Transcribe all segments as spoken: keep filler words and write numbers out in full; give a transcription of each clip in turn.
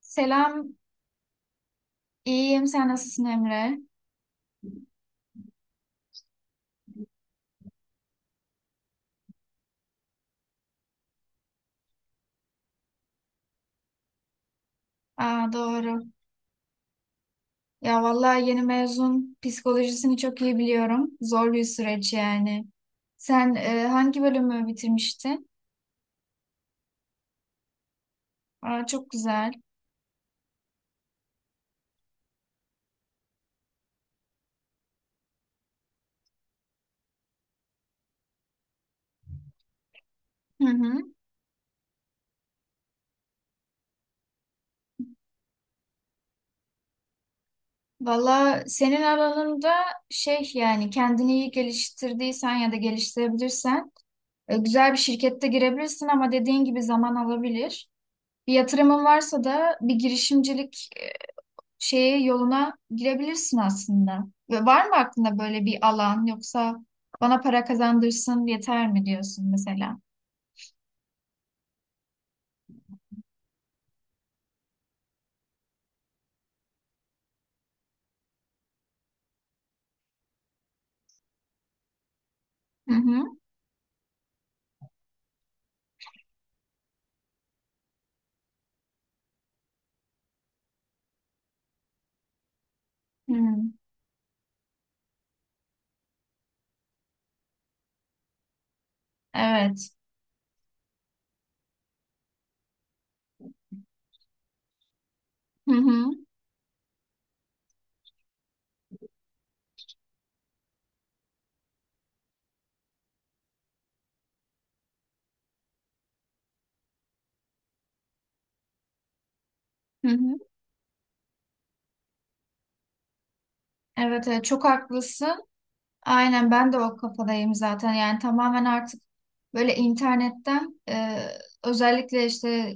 Selam, iyiyim. Sen nasılsın Emre? Aa, doğru. Ya vallahi yeni mezun psikolojisini çok iyi biliyorum. Zor bir süreç yani. Sen e, hangi bölümü bitirmiştin? Aa, çok güzel. Hı hı. Valla senin alanında şey yani kendini iyi geliştirdiysen ya da geliştirebilirsen e, güzel bir şirkette girebilirsin ama dediğin gibi zaman alabilir. Bir yatırımın varsa da bir girişimcilik şeye yoluna girebilirsin aslında. Ve var mı aklında böyle bir alan yoksa bana para kazandırsın yeter mi diyorsun mesela? Hı hı. Hı. Evet. Hı hı. Hı hı. Evet, evet çok haklısın. Aynen ben de o kafadayım zaten. Yani tamamen artık böyle internetten e, özellikle işte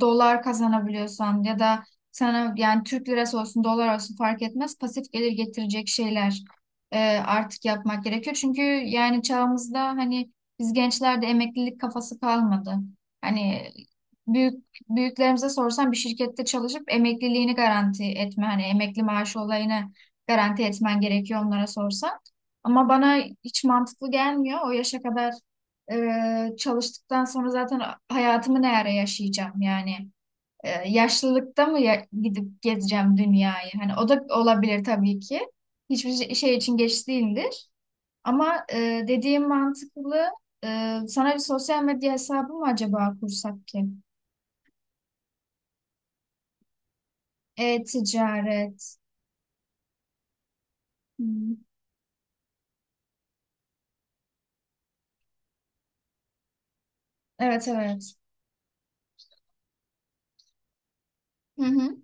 dolar kazanabiliyorsan ya da sana yani Türk lirası olsun dolar olsun fark etmez pasif gelir getirecek şeyler e, artık yapmak gerekiyor. Çünkü yani çağımızda hani biz gençlerde emeklilik kafası kalmadı. Hani büyük büyüklerimize sorsan bir şirkette çalışıp emekliliğini garanti etme hani emekli maaşı olayını garanti etmen gerekiyor onlara sorsan. Ama bana hiç mantıklı gelmiyor. O yaşa kadar e, çalıştıktan sonra zaten hayatımı ne ara yaşayacağım yani. E, yaşlılıkta mı ya- gidip gezeceğim dünyayı? Hani o da olabilir tabii ki. Hiçbir şey şey için geç değildir. Ama e, dediğim mantıklı. E, sana bir sosyal medya hesabı mı acaba kursak ki? E-ticaret. Hmm. Evet, evet. Hı hı.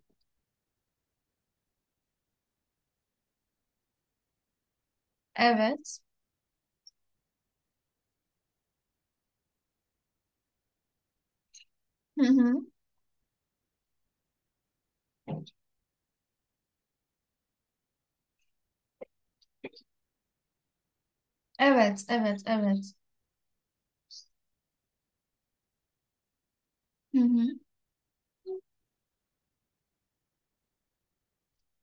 Evet. Hı hı. Evet, evet, evet. Hı hı.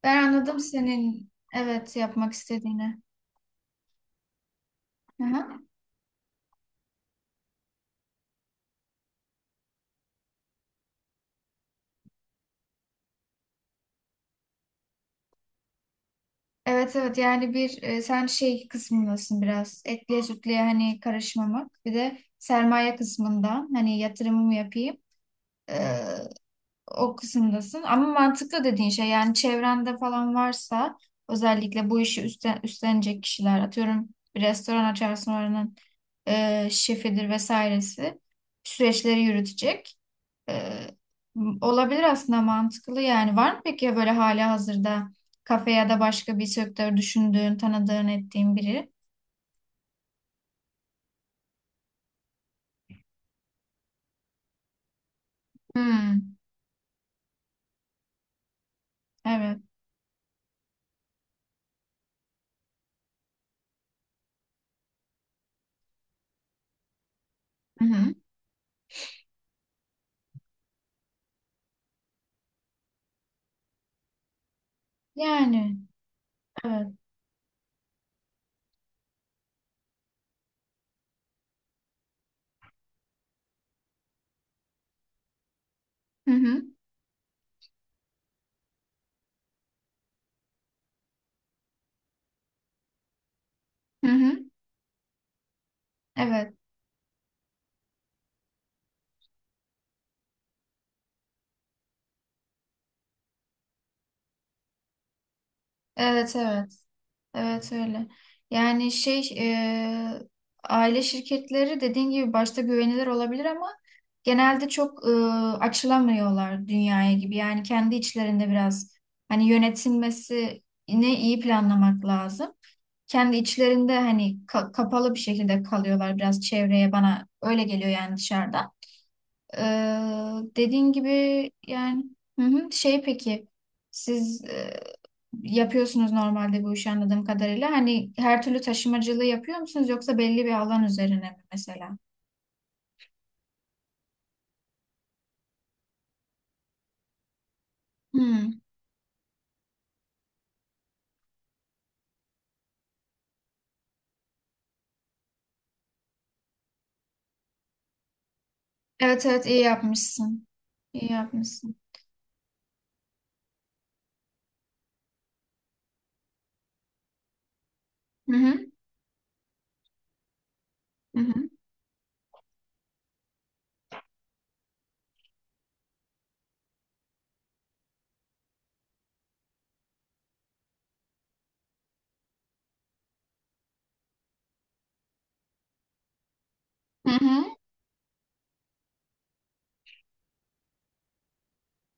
Ben anladım senin evet yapmak istediğini. Hı hı. Evet evet yani bir e, sen şey kısmındasın biraz etliye sütlüye hani karışmamak bir de sermaye kısmından hani yatırımımı yapayım e, o kısımdasın ama mantıklı dediğin şey yani çevrende falan varsa özellikle bu işi üstlen üstlenecek kişiler atıyorum bir restoran açarsın oranın e, şefidir vesairesi süreçleri yürütecek. Ee, Olabilir aslında mantıklı yani. Var mı peki böyle hali hazırda kafe ya da başka bir sektör düşündüğün, tanıdığın, ettiğin biri? Hmm, evet. Hı hı. Yani evet. Hı hı. Hı hı. Evet. Evet, evet. Evet öyle. Yani şey e, aile şirketleri dediğin gibi başta güvenilir olabilir ama genelde çok e, açılamıyorlar dünyaya gibi. Yani kendi içlerinde biraz hani yönetilmesini iyi planlamak lazım. Kendi içlerinde hani ka- kapalı bir şekilde kalıyorlar biraz çevreye bana öyle geliyor yani dışarıdan. Ee, dediğin gibi yani hı hı, şey peki siz e, yapıyorsunuz normalde bu işi anladığım kadarıyla. Hani her türlü taşımacılığı yapıyor musunuz yoksa belli bir alan üzerine mi mesela? Hmm. Evet evet iyi yapmışsın. İyi yapmışsın. Hı hı. Hı hı. Hı hı.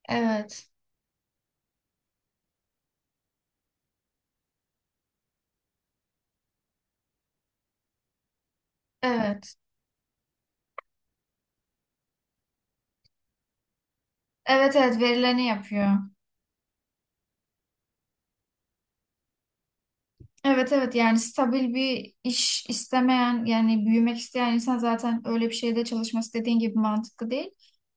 Evet. Evet. Evet evet verileni yapıyor. Evet evet yani stabil bir iş istemeyen yani büyümek isteyen insan zaten öyle bir şeyde çalışması dediğin gibi mantıklı değil.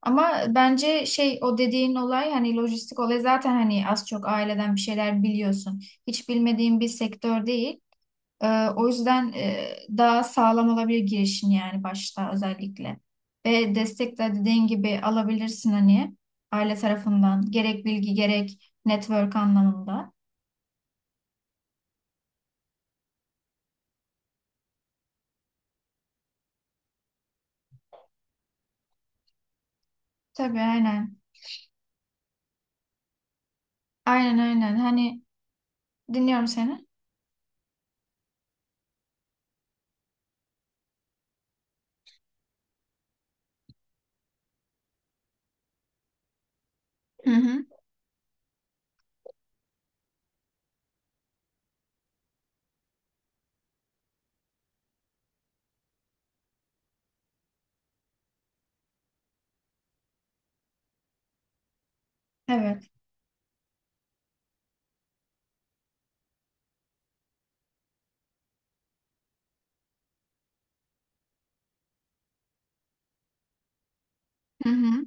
Ama bence şey o dediğin olay hani lojistik olay zaten hani az çok aileden bir şeyler biliyorsun. Hiç bilmediğin bir sektör değil. Ee, o yüzden e, daha sağlam olabilir girişin yani başta özellikle. Ve destek de dediğin gibi alabilirsin hani aile tarafından gerek bilgi gerek network anlamında. Tabii aynen. Aynen aynen. Hani dinliyorum seni. Hı hı. Evet. Hı hı.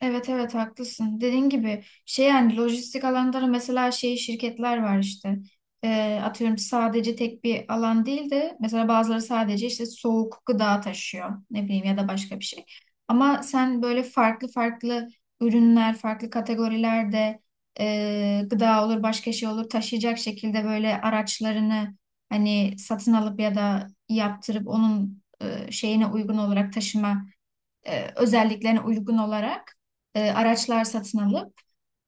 Evet evet haklısın. Dediğin gibi şey yani lojistik alanları mesela şey şirketler var işte. Ee, atıyorum sadece tek bir alan değil de mesela bazıları sadece işte soğuk gıda taşıyor ne bileyim ya da başka bir şey. Ama sen böyle farklı farklı ürünler, farklı kategorilerde e, gıda olur başka şey olur taşıyacak şekilde böyle araçlarını hani satın alıp ya da yaptırıp onun e, şeyine uygun olarak taşıma e, özelliklerine uygun olarak e, araçlar satın alıp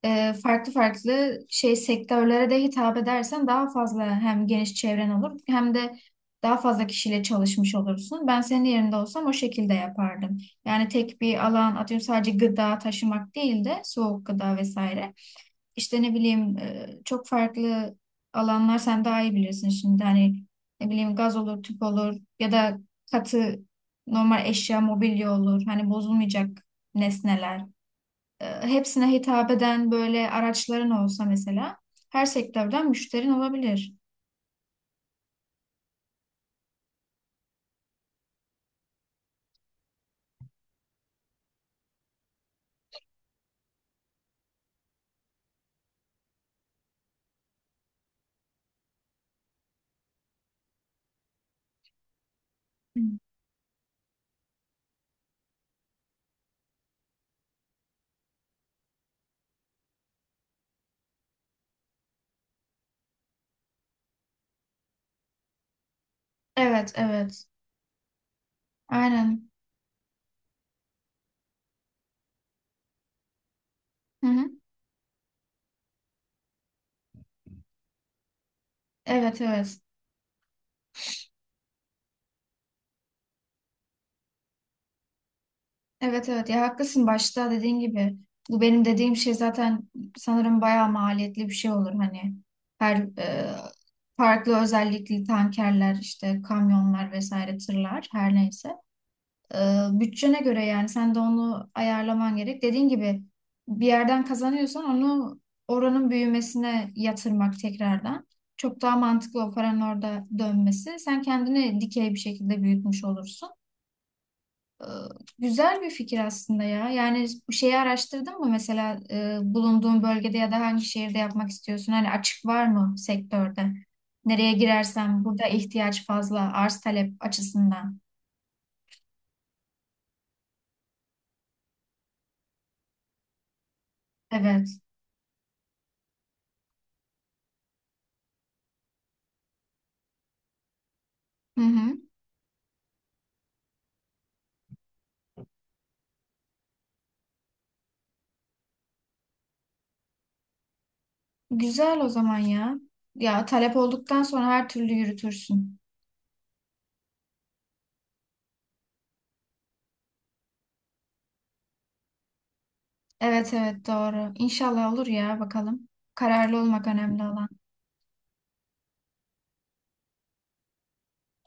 e, farklı farklı şey sektörlere de hitap edersen daha fazla hem geniş çevren olur hem de daha fazla kişiyle çalışmış olursun. Ben senin yerinde olsam o şekilde yapardım. Yani tek bir alan atıyorum sadece gıda taşımak değil de soğuk gıda vesaire. İşte ne bileyim e, çok farklı alanlar sen daha iyi bilirsin şimdi hani ne bileyim gaz olur, tüp olur ya da katı normal eşya, mobilya olur. Hani bozulmayacak nesneler. E, Hepsine hitap eden böyle araçların olsa mesela her sektörden müşterin olabilir. Hı. Evet, evet. Aynen. Hı hı. Evet, evet. Evet evet ya haklısın başta dediğin gibi. Bu benim dediğim şey zaten sanırım bayağı maliyetli bir şey olur hani. Her e, farklı özellikli tankerler işte kamyonlar vesaire tırlar her neyse. E, Bütçene göre yani sen de onu ayarlaman gerek. Dediğin gibi bir yerden kazanıyorsan onu oranın büyümesine yatırmak tekrardan. Çok daha mantıklı o paranın orada dönmesi. Sen kendini dikey bir şekilde büyütmüş olursun. Ee, Güzel bir fikir aslında ya. Yani bu şeyi araştırdın mı mesela e, bulunduğun bölgede ya da hangi şehirde yapmak istiyorsun? Hani açık var mı sektörde? Nereye girersem burada ihtiyaç fazla arz talep açısından. Evet. Hı hı. Güzel o zaman ya. Ya talep olduktan sonra her türlü yürütürsün. Evet evet doğru. İnşallah olur ya bakalım. Kararlı olmak önemli olan.